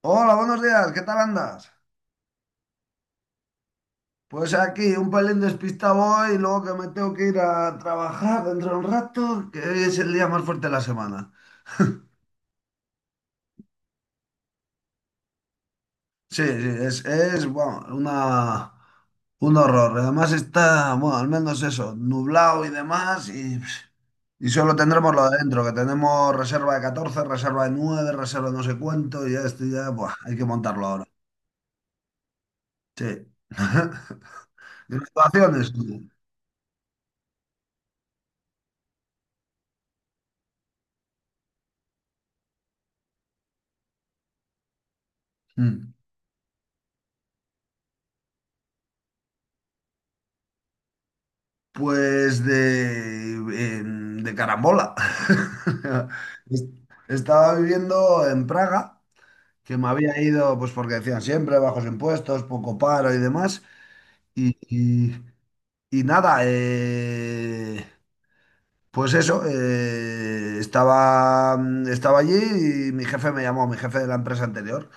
Hola, buenos días, ¿qué tal andas? Pues aquí, un pelín despistado hoy, luego que me tengo que ir a trabajar dentro de un rato, que hoy es el día más fuerte de la semana. Sí, sí, es bueno, un horror. Además está, bueno, al menos eso, nublado y demás, y solo tendremos lo de dentro, que tenemos reserva de 14, reserva de 9, reserva de no sé cuánto, y ya estoy ya, buah, hay que montarlo ahora. Sí. ¿Graduaciones? ¿No? Mm. Pues de carambola. Es- Estaba viviendo en Praga, que me había ido, pues porque decían siempre bajos impuestos, poco paro y demás. Y, y- y nada, pues eso, estaba allí y mi jefe me llamó, mi jefe de la empresa anterior.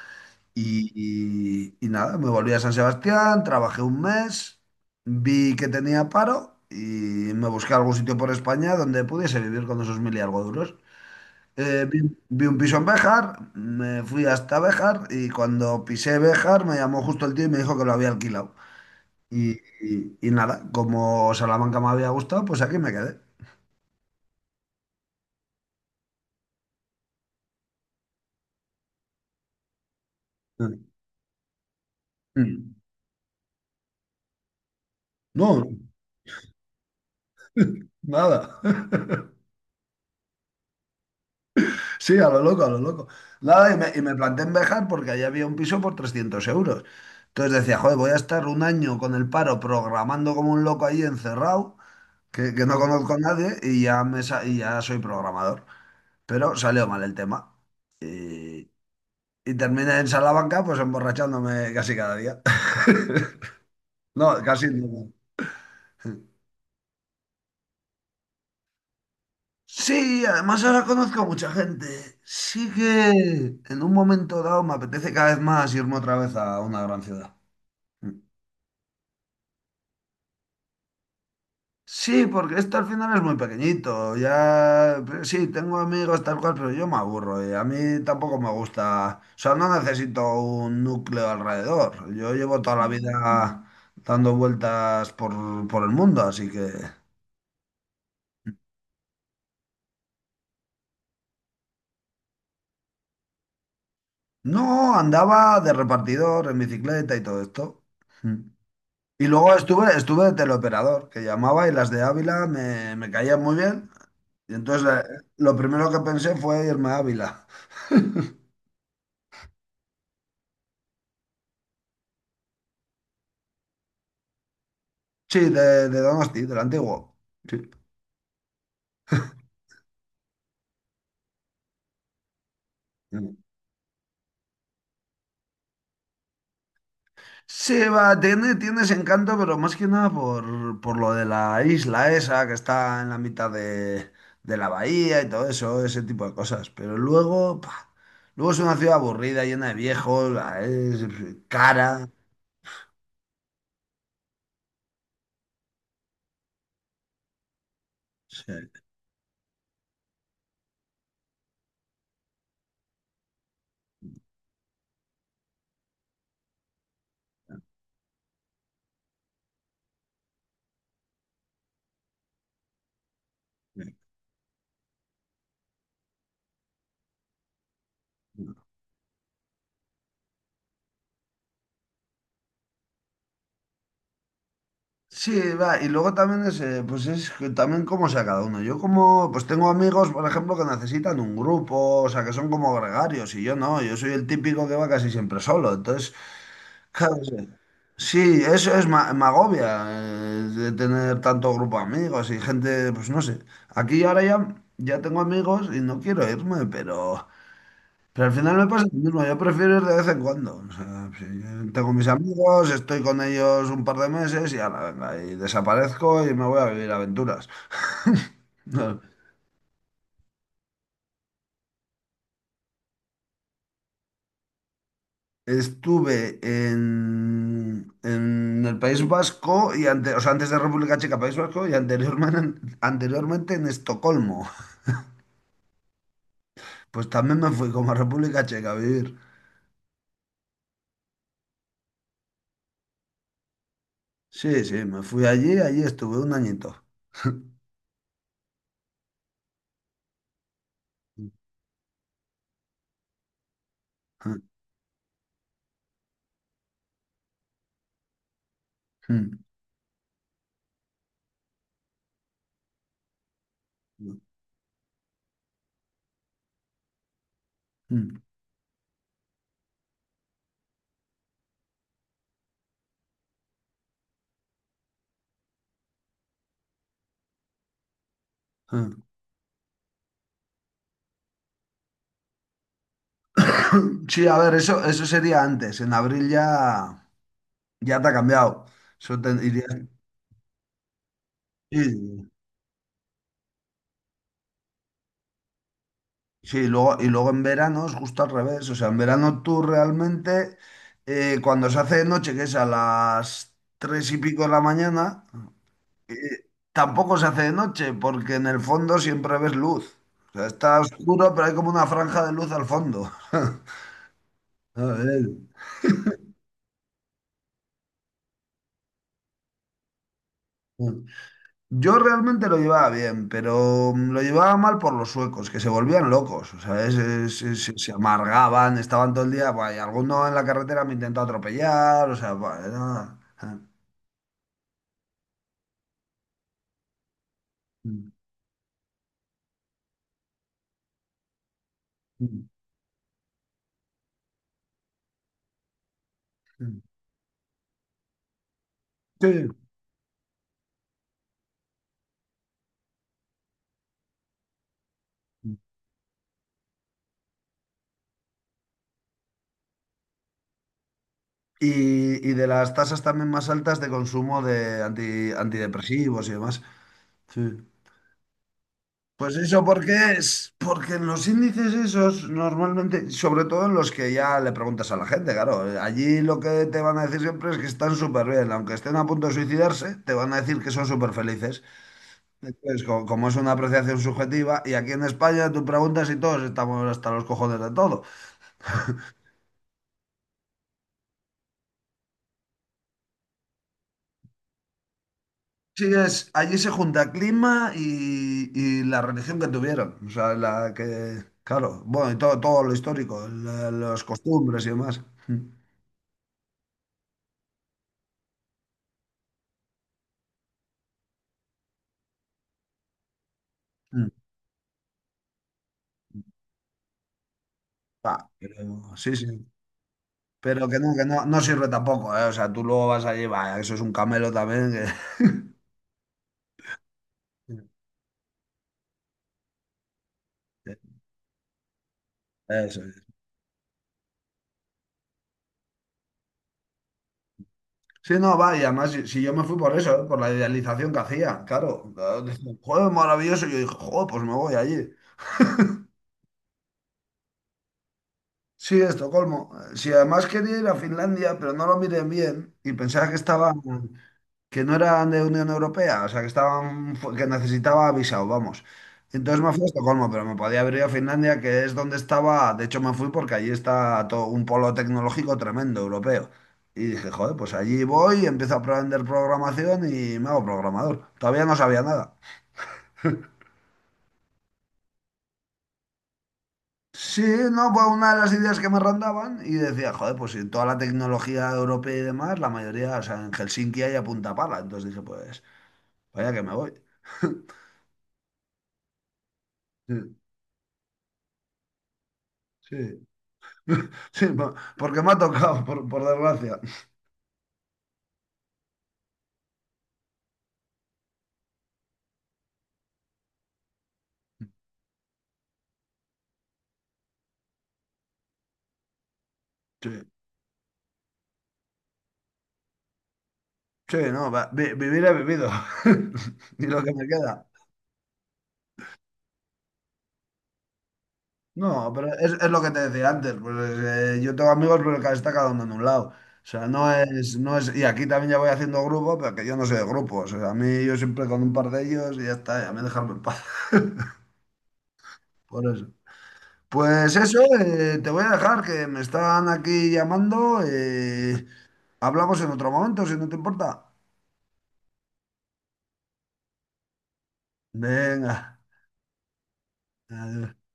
Y nada, me volví a San Sebastián, trabajé un mes, vi que tenía paro y me busqué algún sitio por España donde pudiese vivir con esos mil y algo duros. Eh, vi, vi un piso en Béjar, me fui hasta Béjar y cuando pisé Béjar me llamó justo el tío y me dijo que lo había alquilado. Y, y nada, como Salamanca me había gustado, pues aquí me quedé. Mm. No, nada. Sí, a lo loco, a lo loco. Nada, y me planté en Bejar porque allá había un piso por 300 euros. Entonces decía, joder, voy a estar un año con el paro programando como un loco ahí encerrado, que no conozco a nadie y ya soy programador. Pero salió mal el tema. Y, y terminé en Salamanca pues emborrachándome casi cada día. No, casi no. Sí, además ahora conozco a mucha gente. Sí que en un momento dado me apetece cada vez más irme otra vez a una gran ciudad. Sí, porque esto al final es muy pequeñito. Ya, pero sí, tengo amigos tal cual, pero yo me aburro y a mí tampoco me gusta. O sea, no necesito un núcleo alrededor. Yo llevo toda la vida dando vueltas por el mundo, así que. No, andaba de repartidor en bicicleta y todo esto. Mm. Y luego estuve de teleoperador, que llamaba y las de Ávila me caían muy bien. Y entonces lo primero que pensé fue irme a Ávila. Sí, de Donosti, del antiguo. Sí. Mm. Sí, va, tiene ese encanto, pero más que nada por lo de la isla esa que está en la mitad de la bahía y todo eso, ese tipo de cosas. Pero luego es una ciudad aburrida, llena de viejos, es cara. Sí. Sí. Sí, va, y luego también es, pues es que también cómo sea cada uno. Yo como, pues tengo amigos, por ejemplo, que necesitan un grupo, o sea, que son como gregarios, y yo no, yo soy el típico que va casi siempre solo. Entonces, claro, sí. Sí, eso es me agobia, de tener tanto grupo de amigos y gente, pues no sé. Aquí ahora ya tengo amigos y no quiero irme, pero. Pero al final me pasa lo mismo, yo prefiero ir de vez en cuando. O sea, si tengo mis amigos, estoy con ellos un par de meses y ala, venga, y desaparezco y me voy a vivir aventuras. No. Estuve en el País Vasco y o sea, antes de República Checa, País Vasco y anteriormente en Estocolmo. Pues también me fui como a República Checa a vivir. Sí, sí, me fui allí, allí estuve un añito. Mm, mm, mm, mm. Mm, mm. Sí, a ver, eso sería antes. En abril ya te ha cambiado. Eso te- iría- sí, sí, y luego en verano es justo al revés. O sea, en verano tú realmente, cuando se hace de noche, que es a las tres y pico de la mañana, eh, tampoco se hace de noche, porque en el fondo siempre ves luz. O sea, está oscuro, pero hay como una franja de luz al fondo. A ver. eh. Yo realmente lo llevaba bien, pero lo llevaba mal por los suecos, que se volvían locos, o sea, se amargaban, estaban todo el día, buah, y alguno en la carretera me intentó atropellar, o sea, buah, Sí. Y de las tasas también más altas de consumo de antidepresivos y demás. Sí. Pues eso porque en los índices esos normalmente, sobre todo en los que ya le preguntas a la gente, claro, allí lo que te van a decir siempre es que están súper bien, aunque estén a punto de suicidarse, te van a decir que son súper felices. Entonces, como, es una apreciación subjetiva, y aquí en España tú preguntas y todos estamos hasta los cojones de todo. Sí, allí se junta clima y la religión que tuvieron, o sea, la que, claro, bueno, y todo lo histórico, las costumbres y demás. Mm, mm. Ah, sí, sí. Pero que no, no sirve tampoco, ¿eh? O sea, tú luego vas allí, va, eso es un camelo también. Eso es. Sí, no, va, y además, si yo me fui por eso, ¿eh? Por la idealización que hacía, claro. Dicen, joder, maravilloso. Yo dije, joder, pues me voy allí. Sí, Estocolmo. Si además quería ir a Finlandia, pero no lo miré bien y pensaba que estaba. Que no eran de Unión Europea, o sea, que estaban, que necesitaba visado, vamos. Entonces me fui a Estocolmo, pero me podía haber ido a Finlandia, que es donde estaba, de hecho me fui porque allí está todo un polo tecnológico tremendo europeo. Y dije, joder, pues allí voy, empiezo a aprender programación y me hago programador. Todavía no sabía nada. Sí, no, fue una de las ideas que me rondaban y decía, joder, pues si toda la tecnología europea y demás, la mayoría, o sea, en Helsinki hay a punta pala. Entonces dije, pues, vaya que me voy. Sí, sí. Sí, porque me ha tocado, por desgracia. Sí, sí, no, va, vivir he vivido. Y lo que me queda. No, pero es lo que te decía antes. Pues, yo tengo amigos, pero cada está cada uno en un lado. O sea, no es, no es. Y aquí también ya voy haciendo grupo, pero que yo no soy de grupos. O sea, a mí yo siempre con un par de ellos y ya está, ya me dejan en paz. Por eso. Pues eso, te voy a dejar que me están aquí llamando. Hablamos en otro momento, si no te importa. Venga. Adiós.